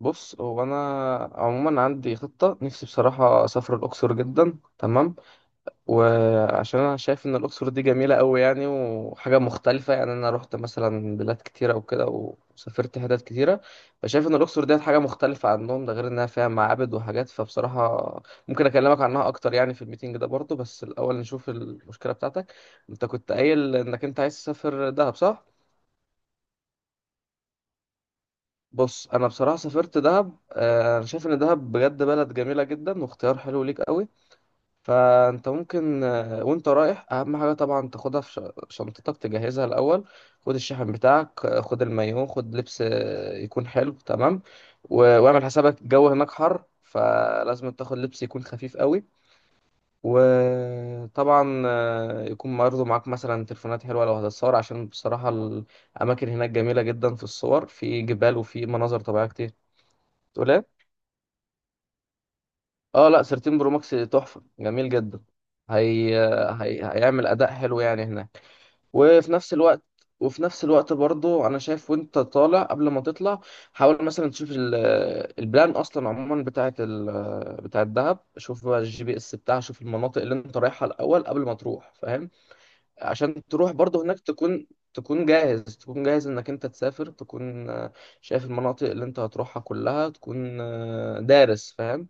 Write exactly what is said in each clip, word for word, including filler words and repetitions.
بص هو انا عموما عندي خطه نفسي بصراحه اسافر الاقصر جدا. تمام، وعشان انا شايف ان الاقصر دي جميله قوي يعني وحاجه مختلفه. يعني انا رحت مثلا بلاد كتيره وكده وسافرت حتت كتيره، فشايف ان الاقصر ديت حاجه مختلفه عنهم، ده غير انها فيها معابد وحاجات. فبصراحه ممكن اكلمك عنها اكتر يعني في الميتنج ده برضه، بس الاول نشوف المشكله بتاعتك. انت كنت قايل انك انت عايز تسافر دهب، صح؟ بص، انا بصراحه سافرت دهب. آه، انا شايف ان دهب بجد بلد جميله جدا واختيار حلو ليك قوي. فانت ممكن آه، وانت رايح اهم حاجه طبعا تاخدها في ش- شنطتك تجهزها الاول. خد الشحن بتاعك، آه، خد المايو، خد لبس آه، يكون حلو تمام. و- واعمل حسابك الجو هناك حر، فلازم تاخد لبس يكون خفيف قوي. وطبعا آه، يكون برضه معاك مثلا تليفونات حلوه لو هتتصور، عشان بصراحه الاماكن هناك جميله جدا في الصور، في جبال وفي مناظر طبيعيه كتير. تقول؟ اه لا، ثلاثة عشر برو ماكس تحفه، جميل جدا. هي... هي... هيعمل اداء حلو يعني هناك. وفي نفس الوقت وفي نفس الوقت برضو انا شايف، وانت طالع قبل ما تطلع حاول مثلا تشوف ال... البلان اصلا عموما بتاعه ال... بتاعه دهب. شوف بقى الجي بي اس بتاعها، شوف المناطق اللي انت رايحها الاول قبل ما تروح، فاهم؟ عشان تروح برضو هناك تكون، تكون جاهز تكون جاهز انك انت تسافر، تكون آه، شايف المناطق اللي انت هتروحها كلها، تكون آه، دارس فاهم.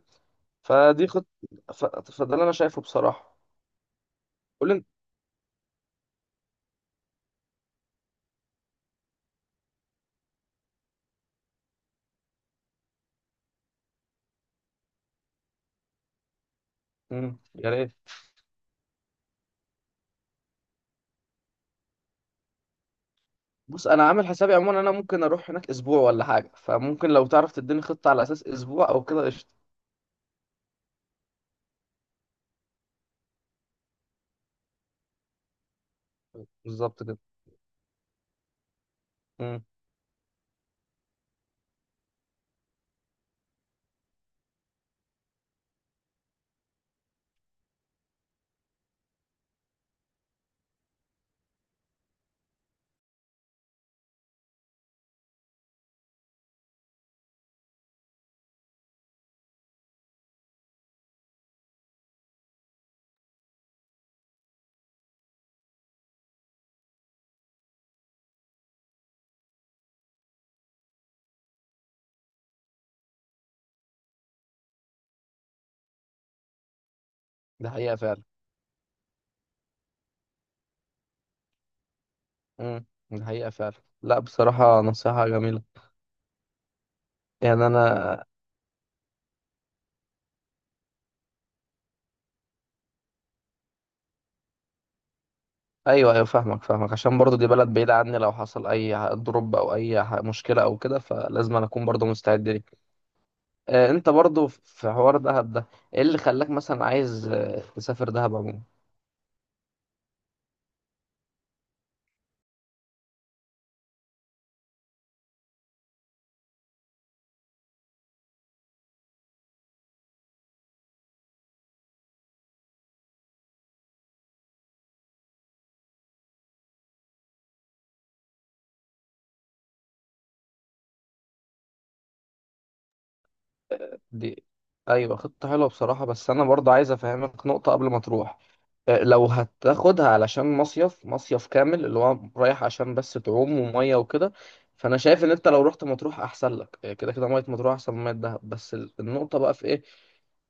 فدي خط، ف... فده اللي انا شايفه بصراحه. قول لي انت. مم، يا ريت. بص انا عامل حسابي عموما انا ممكن اروح هناك اسبوع ولا حاجه، فممكن لو تعرف تديني خطه على اساس اسبوع او كده قشطه. بالظبط كده. امم. ده حقيقه فعلا. امم. ده حقيقه فعلا. لا بصراحه نصيحه جميله. يعني انا. ايوه ايوه، فاهمك فاهمك عشان برضو دي بلد بعيده عني، لو حصل اي دروب او اي ح- مشكله او كده، فلازم أنا اكون برضو مستعد ليه. آه، انت برضو في حوار دهب ده، ايه اللي خلاك مثلا عايز آه، تسافر دهب عموما؟ دي ايوه خطة حلوة بصراحة، بس انا برضه عايز افهمك نقطة قبل ما تروح. آه، لو هتاخدها علشان مصيف، مصيف كامل اللي هو رايح عشان بس تعوم ومية وكده، فانا شايف ان انت لو رحت مطروح احسن لك. آه، كده كده مية مطروح احسن من مية دهب، بس ال- النقطة بقى في ايه؟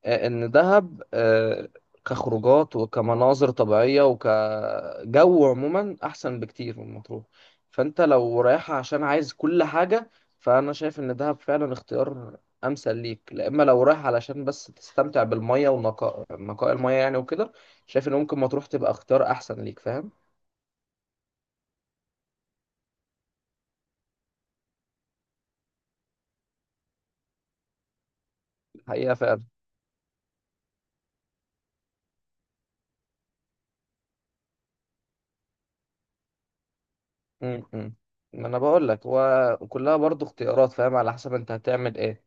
آه، ان دهب آه، كخروجات وكمناظر طبيعيه وكجو عموما احسن بكتير من مطروح. فانت لو رايحه عشان عايز كل حاجه، فانا شايف ان دهب فعلا اختيار امثل ليك. لا اما لو رايح علشان بس تستمتع بالميه ونقاء نقاء الميه يعني وكده، شايف ان ممكن مطروح تبقى اختيار احسن ليك، فاهم؟ الحقيقه فعلا. م- م. ما انا بقول لك هو كلها برضو اختيارات، فاهم؟ على حسب انت هتعمل ايه.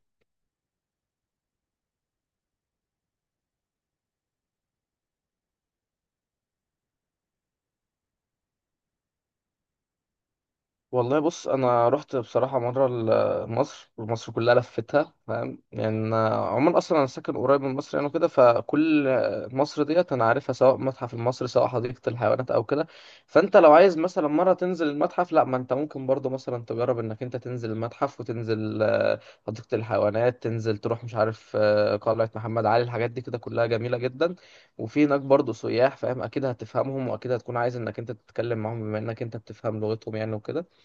والله بص، انا رحت بصراحه مره ل- مصر، ومصر كلها لفتها فاهم؟ يعني أنا عموما اصلا انا ساكن قريب من مصر يعني وكده، فكل مصر ديت انا عارفها، سواء متحف المصري سواء حديقه الحيوانات او كده. فانت لو عايز مثلا مره تنزل المتحف، لا ما انت ممكن برضو مثلا تجرب انك انت تنزل المتحف وتنزل آه، حديقه الحيوانات، تنزل تروح مش عارف آه، قلعه محمد علي، الحاجات دي كده كلها جميله جدا. وفي هناك برضو سياح فاهم، اكيد هتفهمهم واكيد هتكون عايز انك انت تتكلم معاهم بما انك انت بتفهم لغتهم يعني وكده.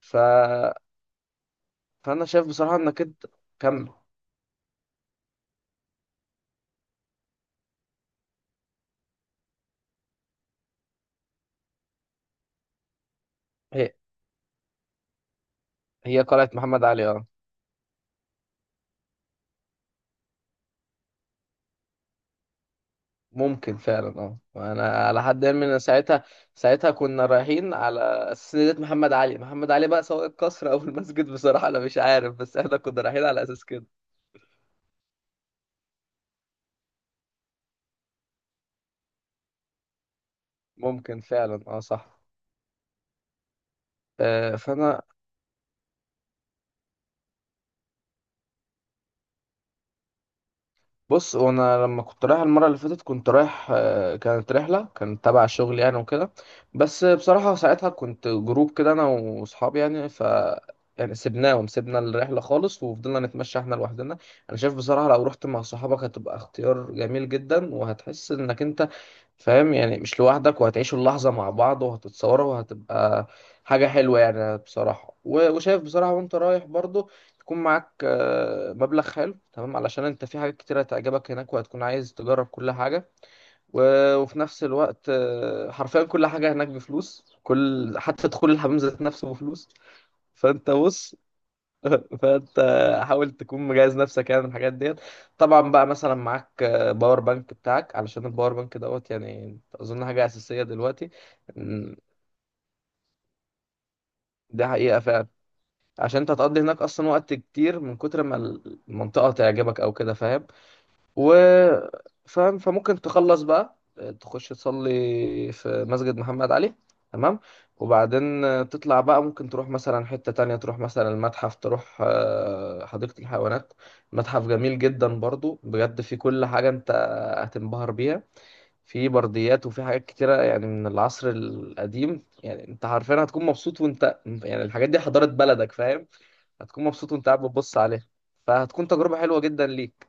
ف... فانا شايف بصراحه انك انت كمل. هي هي قلعه محمد علي اه. ممكن فعلا اه. وانا على حد علمي ان ساعتها، ساعتها كنا رايحين على اساس إن ديت محمد علي. محمد علي بقى سواء القصر او المسجد بصراحه انا مش عارف، بس احنا كنا رايحين على اساس كده. ممكن فعلا اه، صح. آه، فانا بص، هو انا لما كنت رايح المره اللي فاتت كنت رايح آه، كانت رحله كانت تبع الشغل يعني وكده. بس بصراحه ساعتها كنت جروب كده انا واصحابي يعني، ف يعني سيبناهم، سيبنا الرحله خالص وفضلنا نتمشى احنا لوحدنا. انا شايف بصراحه لو رحت مع صحابك هتبقى اختيار جميل جدا، وهتحس انك انت فاهم يعني مش لوحدك، وهتعيشوا اللحظه مع بعض وهتتصوروا وهتبقى حاجه حلوه يعني بصراحه. و- وشايف بصراحه وانت رايح برضو تكون معاك آه، مبلغ حلو تمام، علشان انت في حاجات كتيرة هتعجبك هناك، وهتكون عايز تجرب كل حاجة. و- وفي نفس الوقت آه، حرفيا كل حاجة هناك بفلوس، كل حتى دخول الحمام ذات نفسه بفلوس. فانت بص فانت حاول تكون مجهز نفسك يعني من الحاجات ديت. طبعا بقى مثلا معاك آه، باور بانك بتاعك، علشان الباور بانك دوت يعني اظن حاجة أساسية دلوقتي. م، ده حقيقة فعلا. عشان انت هتقضي هناك اصلا وقت كتير من كتر ما المنطقة تعجبك او كده، فاهم؟ و فاهم، فممكن تخلص بقى تخش تصلي في مسجد محمد علي، تمام. وبعدين تطلع بقى، ممكن تروح مثلا حتة تانية، تروح مثلا المتحف، تروح آه، حديقة الحيوانات. متحف جميل جدا برضو بجد، فيه كل حاجة انت هتنبهر بيها، في برديات وفي حاجات كتيرة يعني من العصر القديم. يعني انت عارفين هتكون مبسوط، وانت يعني الحاجات دي حضارة بلدك، فاهم؟ هتكون مبسوط وانت قاعد بتبص عليها، فهتكون تجربة حلوة جدا ليك.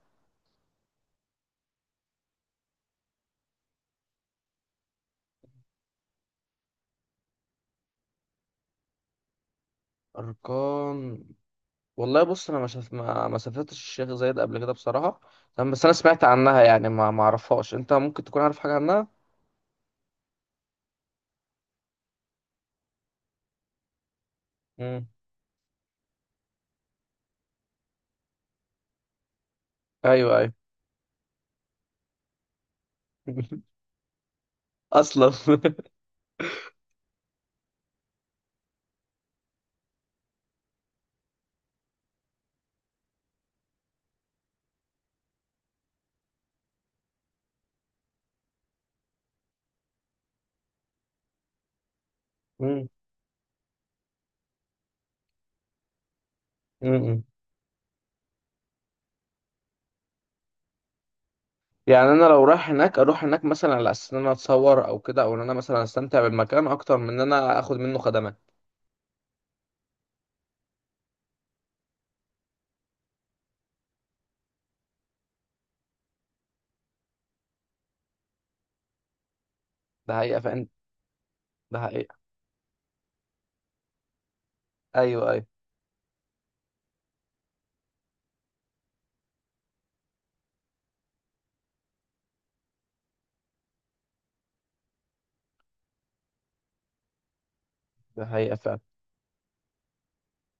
أركان. والله بص انا ما شف... ما ما سافرتش الشيخ زايد قبل كده بصراحه. تمام، بس انا سمعت عنها يعني، ما ما اعرفهاش، انت ممكن تكون عارف حاجه عنها. امم. ايوه ايوه. اصلا مم. مم. يعني انا لو رايح هناك اروح هناك مثلا على اساس ان انا اتصور او كده، او ان انا مثلا استمتع بالمكان اكتر من ان انا اخد منه خدمات. ده حقيقه فعلا. ده حقيقه. ايوه ايوه. ده حقيقه فعلا.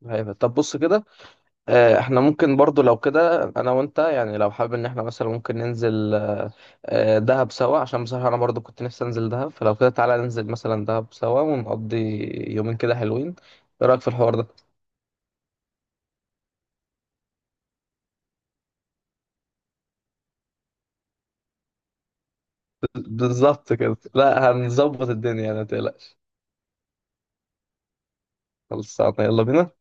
ده حقيقه فعلا. طب بص كده آه، احنا ممكن برضو لو كده انا وانت يعني، لو حابب ان احنا مثلا ممكن ننزل آه، آه، دهب سوا، عشان بصراحة انا برضو كنت نفسي انزل دهب. فلو كده تعالى ننزل مثلا دهب سوا ونقضي يومين كده حلوين، ايه رأيك في الحوار ده؟ بالظبط كده، لا هنظبط الدنيا ما تقلقش. خلصانة، يلا بينا.